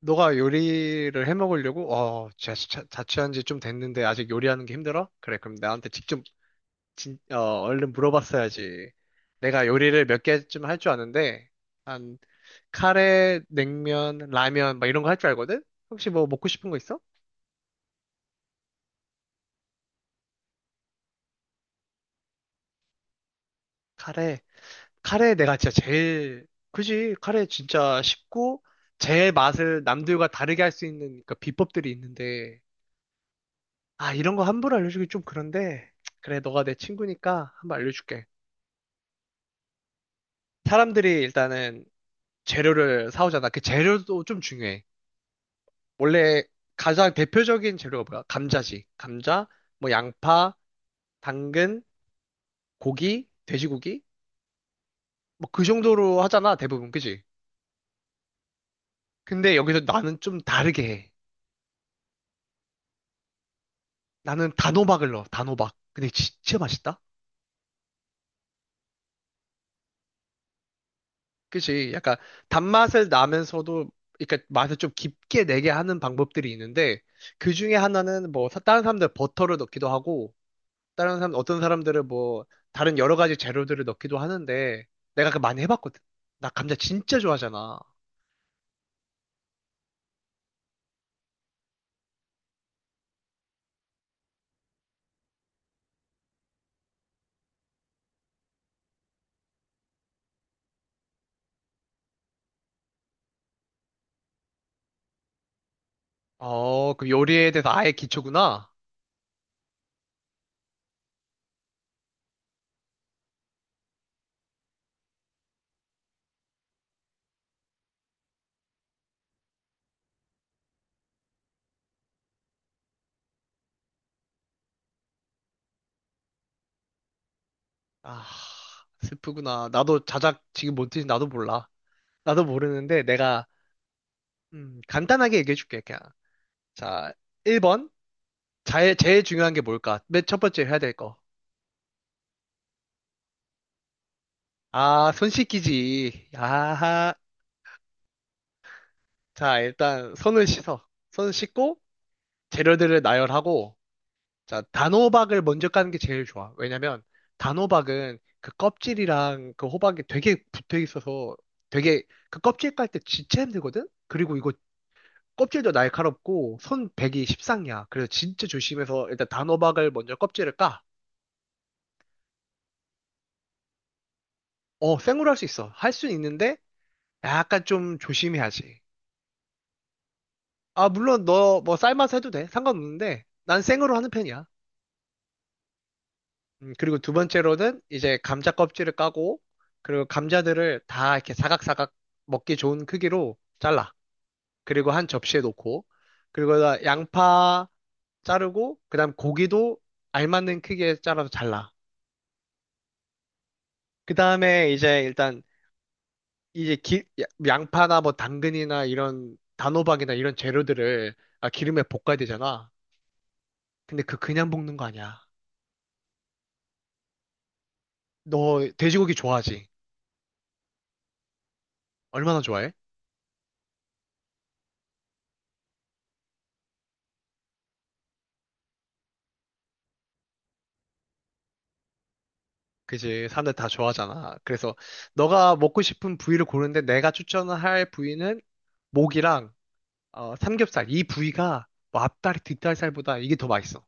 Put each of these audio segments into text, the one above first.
너가 요리를 해 먹으려고? 어, 자취한 지 좀 됐는데 아직 요리하는 게 힘들어? 그래, 그럼 나한테 직접, 진, 어, 얼른 물어봤어야지. 내가 요리를 몇 개쯤 할 줄 아는데, 한, 카레, 냉면, 라면, 막 이런 거 할 줄 알거든? 혹시 뭐 먹고 싶은 거 있어? 카레. 카레 내가 진짜 제일, 그지? 카레 진짜 쉽고, 제일 맛을 남들과 다르게 할 수 있는 그 비법들이 있는데, 아, 이런 거 함부로 알려주기 좀 그런데, 그래, 너가 내 친구니까 한번 알려줄게. 사람들이 일단은 재료를 사오잖아. 그 재료도 좀 중요해. 원래 가장 대표적인 재료가 뭐야? 감자지. 감자, 뭐 양파, 당근, 고기, 돼지고기? 뭐 그 정도로 하잖아, 대부분. 그지? 근데 여기서 나는 좀 다르게 해. 나는 단호박을 넣어, 단호박. 근데 진짜 맛있다? 그지? 약간 단맛을 나면서도, 그러니까 맛을 좀 깊게 내게 하는 방법들이 있는데, 그 중에 하나는 뭐, 다른 사람들 버터를 넣기도 하고, 다른 사람, 어떤 사람들은 뭐, 다른 여러 가지 재료들을 넣기도 하는데, 내가 그 많이 해봤거든. 나 감자 진짜 좋아하잖아. 어, 그 요리에 대해서 아예 기초구나. 아, 슬프구나. 나도 자작 지금 못인지 나도 몰라. 나도 모르는데 내가 간단하게 얘기해 줄게, 그냥. 자, 1번. 제일, 제일 중요한 게 뭘까? 맨 첫 번째 해야 될 거. 아, 손 씻기지. 야하. 자, 일단 손을 씻어. 손 씻고 재료들을 나열하고 자, 단호박을 먼저 까는 게 제일 좋아. 왜냐면 단호박은 그 껍질이랑 그 호박이 되게 붙어 있어서 되게 그 껍질 깔 때 진짜 힘들거든? 그리고 이거 껍질도 날카롭고 손 베기 십상이야. 그래서 진짜 조심해서 일단 단호박을 먼저 껍질을 까. 어, 생으로 할 수 있어. 할 수는 있는데 약간 좀 조심해야지. 아, 물론 너 뭐 삶아서 해도 돼. 상관없는데 난 생으로 하는 편이야. 그리고 두 번째로는 이제 감자 껍질을 까고, 그리고 감자들을 다 이렇게 사각사각 먹기 좋은 크기로 잘라. 그리고 한 접시에 놓고, 그리고 다 양파 자르고, 그 다음 고기도 알맞는 크기에 잘라서 잘라. 그 다음에 이제 일단, 이제 양파나 뭐 당근이나 이런 단호박이나 이런 재료들을 아, 기름에 볶아야 되잖아. 근데 그 그냥 볶는 거 아니야. 너 돼지고기 좋아하지? 얼마나 좋아해? 그지. 사람들 다 좋아하잖아. 그래서 너가 먹고 싶은 부위를 고르는데 내가 추천할 부위는 목이랑 어, 삼겹살. 이 부위가 뭐 앞다리, 뒷다리살보다 이게 더 맛있어.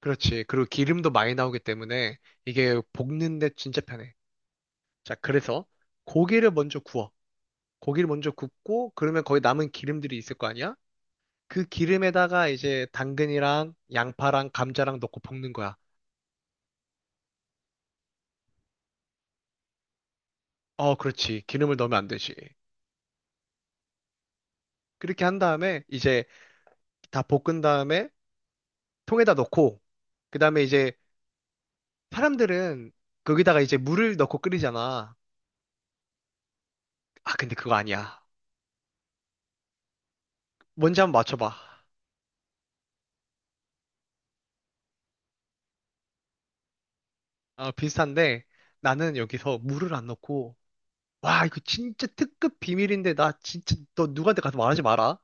그렇지. 그리고 기름도 많이 나오기 때문에 이게 볶는데 진짜 편해. 자, 그래서 고기를 먼저 구워. 고기를 먼저 굽고 그러면 거기 남은 기름들이 있을 거 아니야? 그 기름에다가 이제 당근이랑 양파랑 감자랑 넣고 볶는 거야. 어, 그렇지. 기름을 넣으면 안 되지. 그렇게 한 다음에 이제 다 볶은 다음에 통에다 넣고 그다음에 이제 사람들은 거기다가 이제 물을 넣고 끓이잖아. 아, 근데 그거 아니야. 뭔지 한번 맞춰봐. 아, 비슷한데 나는 여기서 물을 안 넣고 와, 이거 진짜 특급 비밀인데 나 진짜 너 누구한테 가서 말하지 마라.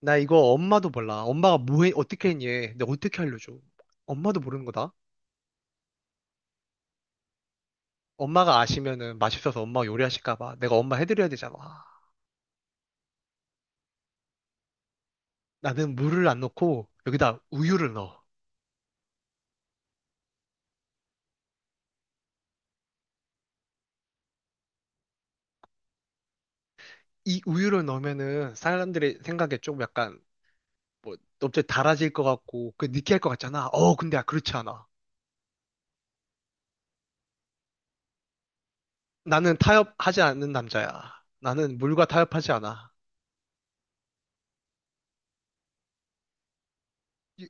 나 이거 엄마도 몰라. 엄마가 뭐 해, 어떻게 했니? 내가 어떻게 알려줘? 엄마도 모르는 거다. 엄마가 아시면은 맛있어서 엄마가 요리하실까 봐 내가 엄마 해드려야 되잖아. 나는 물을 안 넣고 여기다 우유를 넣어. 이 우유를 넣으면은 사람들의 생각에 좀 약간 뭐자기 달아질 것 같고 그 느끼할 것 같잖아. 어, 근데 아, 그렇지 않아. 나는 타협하지 않는 남자야. 나는 물과 타협하지 않아. 이-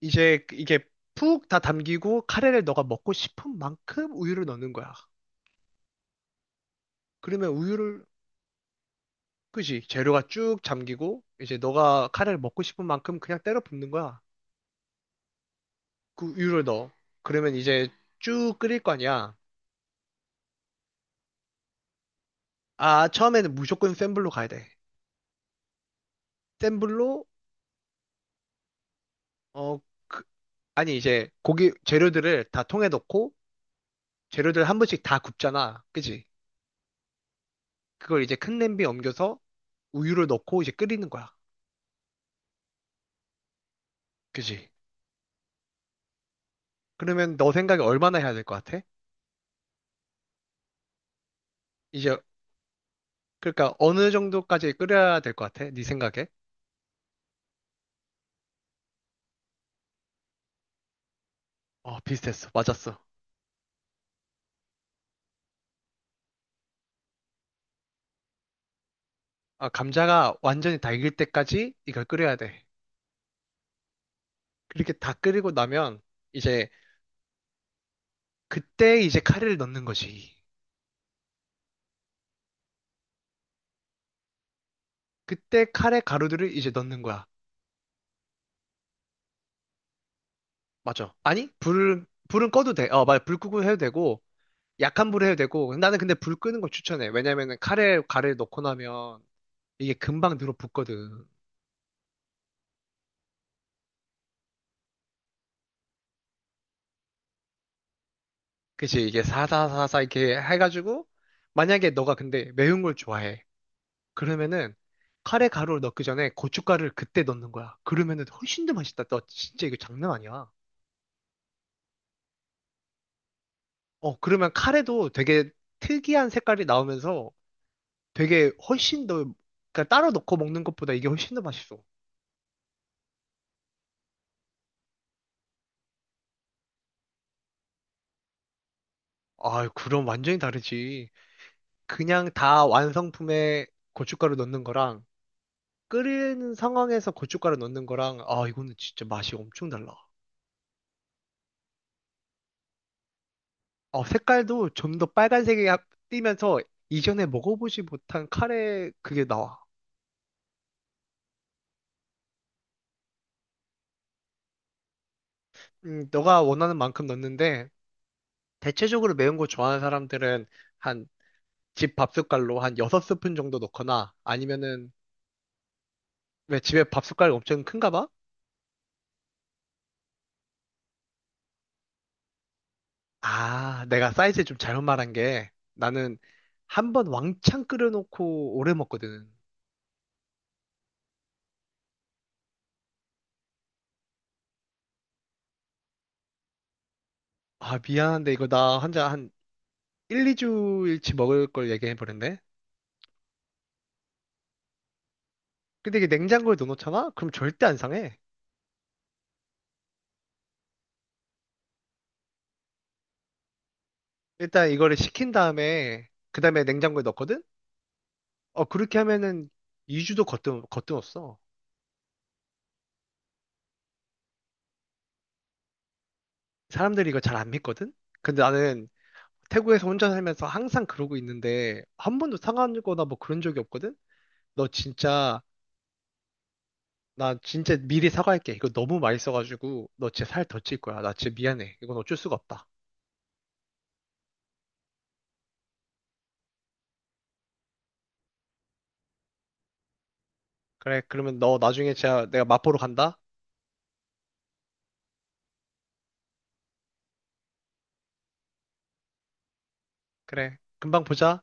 이제 이게 푹 다 담기고 카레를 너가 먹고 싶은 만큼 우유를 넣는 거야. 그러면 우유를 그지? 재료가 쭉 잠기고 이제 너가 카레를 먹고 싶은 만큼 그냥 때려 붓는 거야. 그 우유를 넣어. 그러면 이제 쭉 끓일 거 아니야. 아, 처음에는 무조건 센 불로 가야 돼. 센 불로 어, 그- 아니, 이제 고기 재료들을 다 통에 넣고 재료들 한 번씩 다 굽잖아. 그지? 그걸 이제 큰 냄비에 옮겨서 우유를 넣고 이제 끓이는 거야. 그지? 그러면 너 생각에 얼마나 해야 될 것 같아? 이제, 그러니까 어느 정도까지 끓여야 될 것 같아? 네 생각에? 어, 비슷했어. 맞았어. 아, 감자가 완전히 다 익을 때까지 이걸 끓여야 돼. 그렇게 다 끓이고 나면 이제 그때 이제 카레를 넣는 거지. 그때 카레 가루들을 이제 넣는 거야. 맞아. 아니, 불은 꺼도 돼. 어, 맞아. 불 끄고 해도 되고, 약한 불에 해도 되고. 나는 근데 불 끄는 걸 추천해. 왜냐면은 카레, 가래를 넣고 나면 이게 금방 늘어붙거든. 그치? 이게 사사사사 이렇게 해가지고, 만약에 너가 근데 매운 걸 좋아해. 그러면은 카레 가루를 넣기 전에 고춧가루를 그때 넣는 거야. 그러면은 훨씬 더 맛있다. 너 진짜 이거 장난 아니야. 어, 그러면 카레도 되게 특이한 색깔이 나오면서 되게 훨씬 더, 그러니까 따로 넣고 먹는 것보다 이게 훨씬 더 맛있어. 아, 그럼 완전히 다르지. 그냥 다 완성품에 고춧가루 넣는 거랑 끓이는 상황에서 고춧가루 넣는 거랑 아, 이거는 진짜 맛이 엄청 달라. 어, 색깔도 좀 더 빨간색이 띄면서 이전에 먹어보지 못한 카레 그게 나와. 너가 원하는 만큼 넣는데 대체적으로 매운 거 좋아하는 사람들은 한 집 밥숟갈로 한 6스푼 정도 넣거나 아니면은 왜 집에 밥숟갈 엄청 큰가 봐? 아, 내가 사이즈 좀 잘못 말한 게 나는 한 번 왕창 끓여놓고 오래 먹거든. 아, 미안한데 이거 나 혼자 한 1, 2주일치 먹을 걸 얘기해버렸네. 근데 이게 냉장고에 넣어놓잖아? 그럼 절대 안 상해. 일단 이거를 식힌 다음에 그 다음에 냉장고에 넣거든? 어, 그렇게 하면은 2주도 거뜬었어. 사람들이 이거 잘 안 믿거든? 근데 나는 태국에서 혼자 살면서 항상 그러고 있는데 한 번도 상하거나 뭐 그런 적이 없거든? 너 진짜 나 진짜 미리 사과할게. 이거 너무 맛있어가지고 너 진짜 살 더 찔 거야. 나 진짜 미안해. 이건 어쩔 수가 없다. 그래, 그러면 너 나중에 진짜 내가 마포로 간다. 그래, 금방 보자.